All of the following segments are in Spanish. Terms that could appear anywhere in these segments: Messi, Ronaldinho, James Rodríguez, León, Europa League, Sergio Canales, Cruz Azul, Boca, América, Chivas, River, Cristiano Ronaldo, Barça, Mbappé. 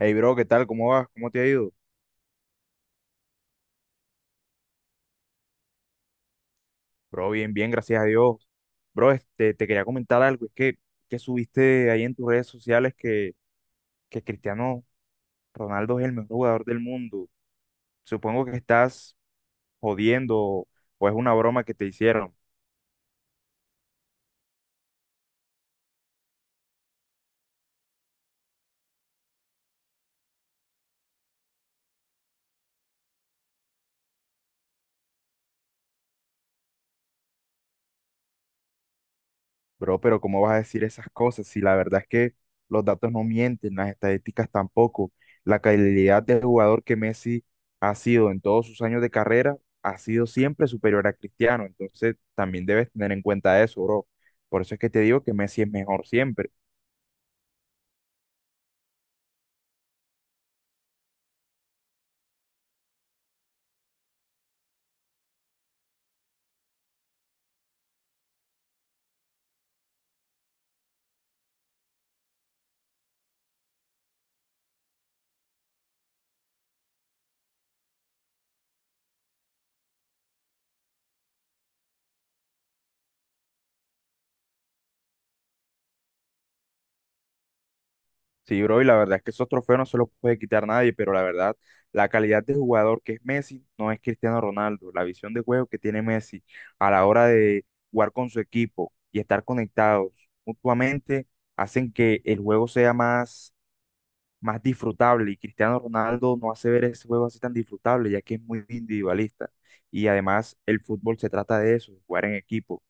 Hey, bro, ¿qué tal? ¿Cómo vas? ¿Cómo te ha ido? Bro, bien, bien, gracias a Dios. Bro, te quería comentar algo. Que subiste ahí en tus redes sociales que Cristiano Ronaldo es el mejor jugador del mundo. Supongo que estás jodiendo o es una broma que te hicieron. Bro, pero ¿cómo vas a decir esas cosas si la verdad es que los datos no mienten, las estadísticas tampoco? La calidad de jugador que Messi ha sido en todos sus años de carrera ha sido siempre superior a Cristiano, entonces también debes tener en cuenta eso, bro. Por eso es que te digo que Messi es mejor siempre. Sí, bro, y la verdad es que esos trofeos no se los puede quitar nadie, pero la verdad, la calidad de jugador que es Messi no es Cristiano Ronaldo. La visión de juego que tiene Messi a la hora de jugar con su equipo y estar conectados mutuamente hacen que el juego sea más disfrutable. Y Cristiano Ronaldo no hace ver ese juego así tan disfrutable, ya que es muy individualista. Y además, el fútbol se trata de eso, jugar en equipo.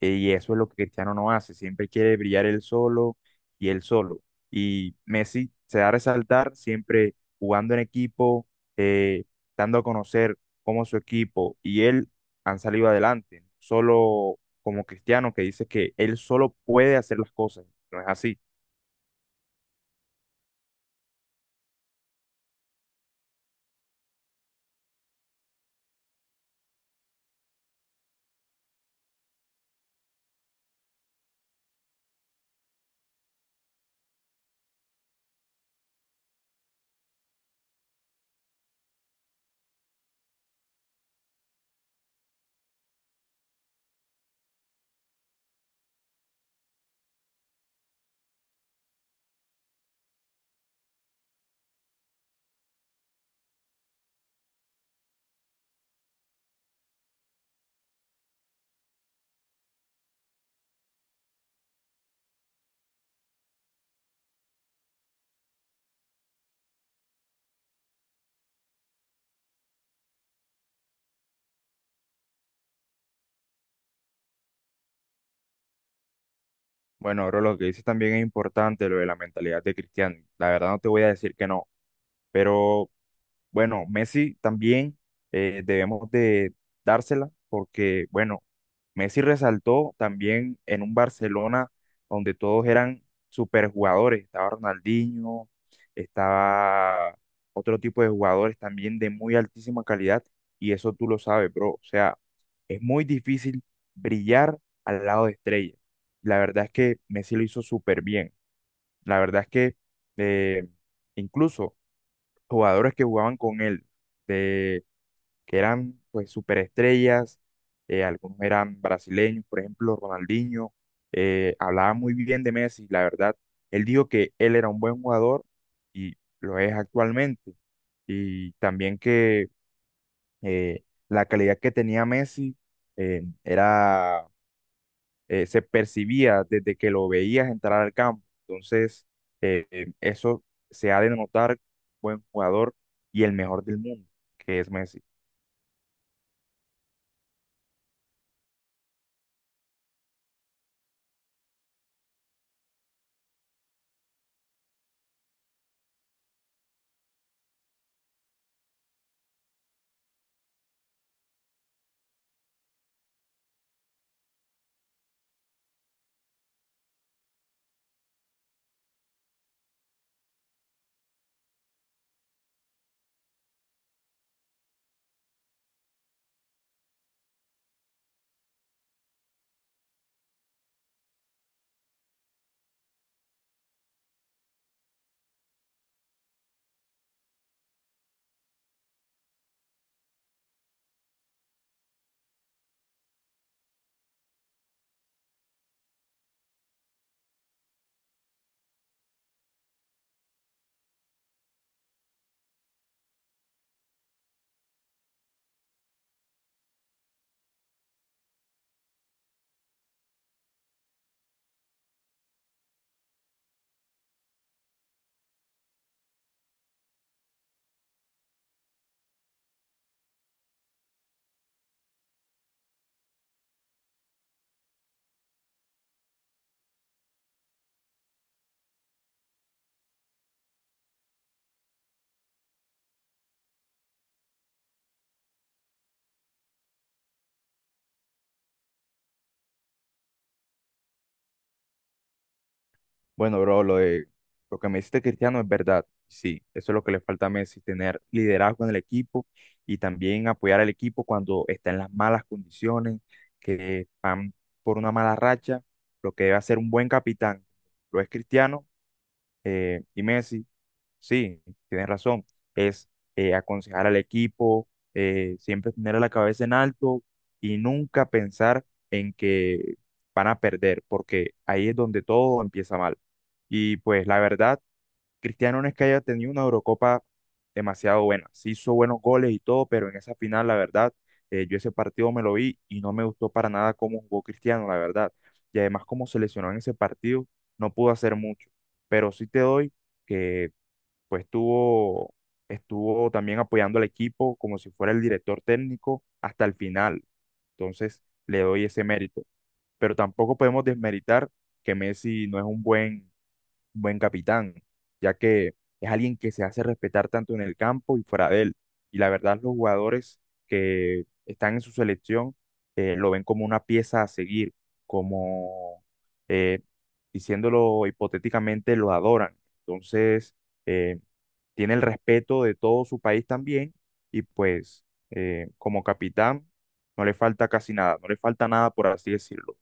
Y eso es lo que Cristiano no hace, siempre quiere brillar él solo. Y Messi se da a resaltar siempre jugando en equipo, eh, dando a conocer cómo su equipo y él han salido adelante, no solo como Cristiano que dice que él solo puede hacer las cosas, no es así. Bueno, bro, lo que dices también es importante, lo de la mentalidad de Cristiano. La verdad no te voy a decir que no, pero bueno, Messi también debemos de dársela porque, bueno, Messi resaltó también en un Barcelona donde todos eran superjugadores. Estaba Ronaldinho, estaba otro tipo de jugadores también de muy altísima calidad y eso tú lo sabes, bro. O sea, es muy difícil brillar al lado de estrellas. La verdad es que Messi lo hizo súper bien. La verdad es que eh, incluso jugadores que jugaban con él, de, que eran pues superestrellas, algunos eran brasileños, por ejemplo, Ronaldinho, hablaba muy bien de Messi, la verdad, él dijo que él era un buen jugador y lo es actualmente, y también que la calidad que tenía Messi era se percibía desde que lo veías entrar al campo. Entonces, eso se ha de notar buen jugador y el mejor del mundo, que es Messi. Bueno, bro, lo de lo que me hiciste Cristiano es verdad. Sí, eso es lo que le falta a Messi, tener liderazgo en el equipo y también apoyar al equipo cuando está en las malas condiciones, que van por una mala racha, lo que debe hacer un buen capitán. Lo es Cristiano y Messi sí, tienes razón. Es aconsejar al equipo, siempre tener la cabeza en alto y nunca pensar en que van a perder, porque ahí es donde todo empieza mal. Y pues la verdad, Cristiano no es que haya tenido una Eurocopa demasiado buena. Sí hizo buenos goles y todo, pero en esa final, la verdad, yo ese partido me lo vi y no me gustó para nada cómo jugó Cristiano, la verdad. Y además, como se lesionó en ese partido, no pudo hacer mucho. Pero sí te doy que pues estuvo también apoyando al equipo como si fuera el director técnico hasta el final. Entonces, le doy ese mérito. Pero tampoco podemos desmeritar que Messi no es un buen capitán, ya que es alguien que se hace respetar tanto en el campo y fuera de él. Y la verdad, los jugadores que están en su selección lo ven como una pieza a seguir, como, eh, diciéndolo hipotéticamente, lo adoran. Entonces, eh, tiene el respeto de todo su país también y pues como capitán no le falta casi nada, no le falta nada por así decirlo.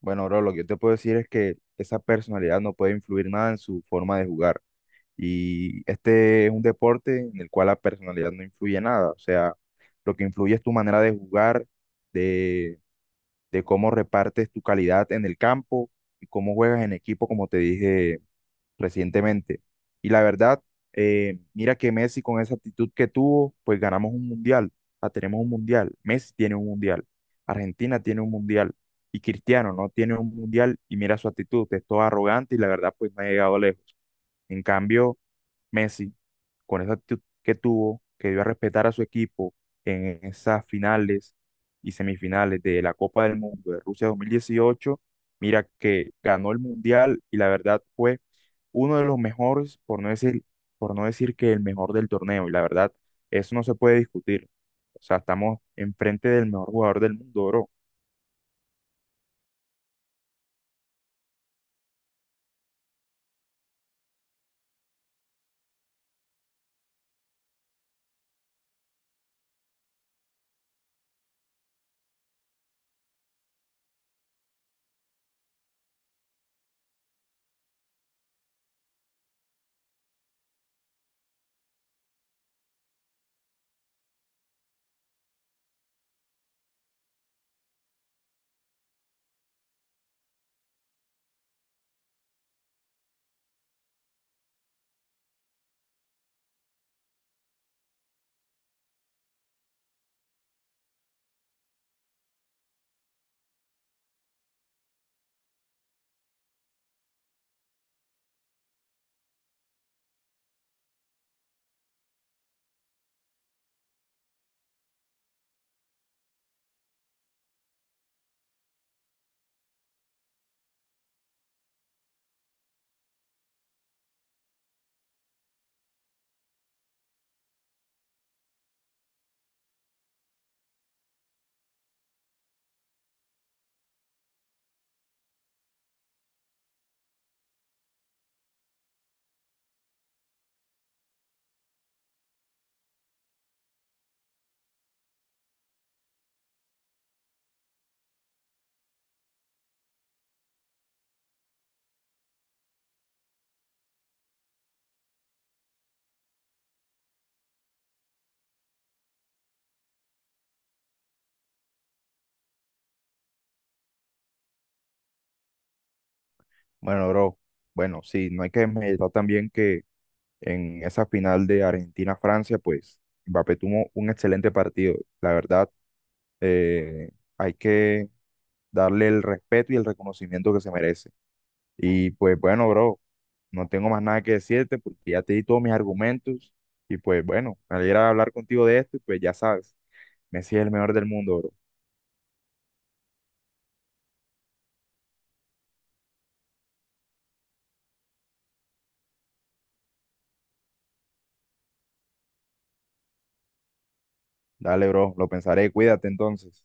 Bueno, bro, lo que yo te puedo decir es que esa personalidad no puede influir nada en su forma de jugar. Y este es un deporte en el cual la personalidad no influye nada. O sea, lo que influye es tu manera de jugar, de, de cómo repartes tu calidad en el campo y cómo juegas en equipo, como te dije recientemente. Y la verdad, mira que Messi con esa actitud que tuvo, pues ganamos un mundial, ah, tenemos un mundial, Messi tiene un mundial, Argentina tiene un mundial y Cristiano no tiene un mundial y mira su actitud, es todo arrogante y la verdad pues no ha llegado lejos. En cambio, Messi con esa actitud que tuvo, que dio a respetar a su equipo en esas finales y semifinales de la Copa del Mundo de Rusia 2018, mira que ganó el Mundial y la verdad fue uno de los mejores, por no decir que el mejor del torneo, y la verdad, eso no se puede discutir. O sea, estamos enfrente del mejor jugador del mundo, bro. Bueno, bro, bueno, sí, no hay que meditar también que en esa final de Argentina-Francia, pues Mbappé tuvo un excelente partido. La verdad, eh, hay que darle el respeto y el reconocimiento que se merece. Y pues bueno, bro, no tengo más nada que decirte porque ya te di todos mis argumentos y pues bueno, me alegra hablar contigo de esto y pues ya sabes, Messi es el mejor del mundo, bro. Dale, bro, lo pensaré, cuídate entonces.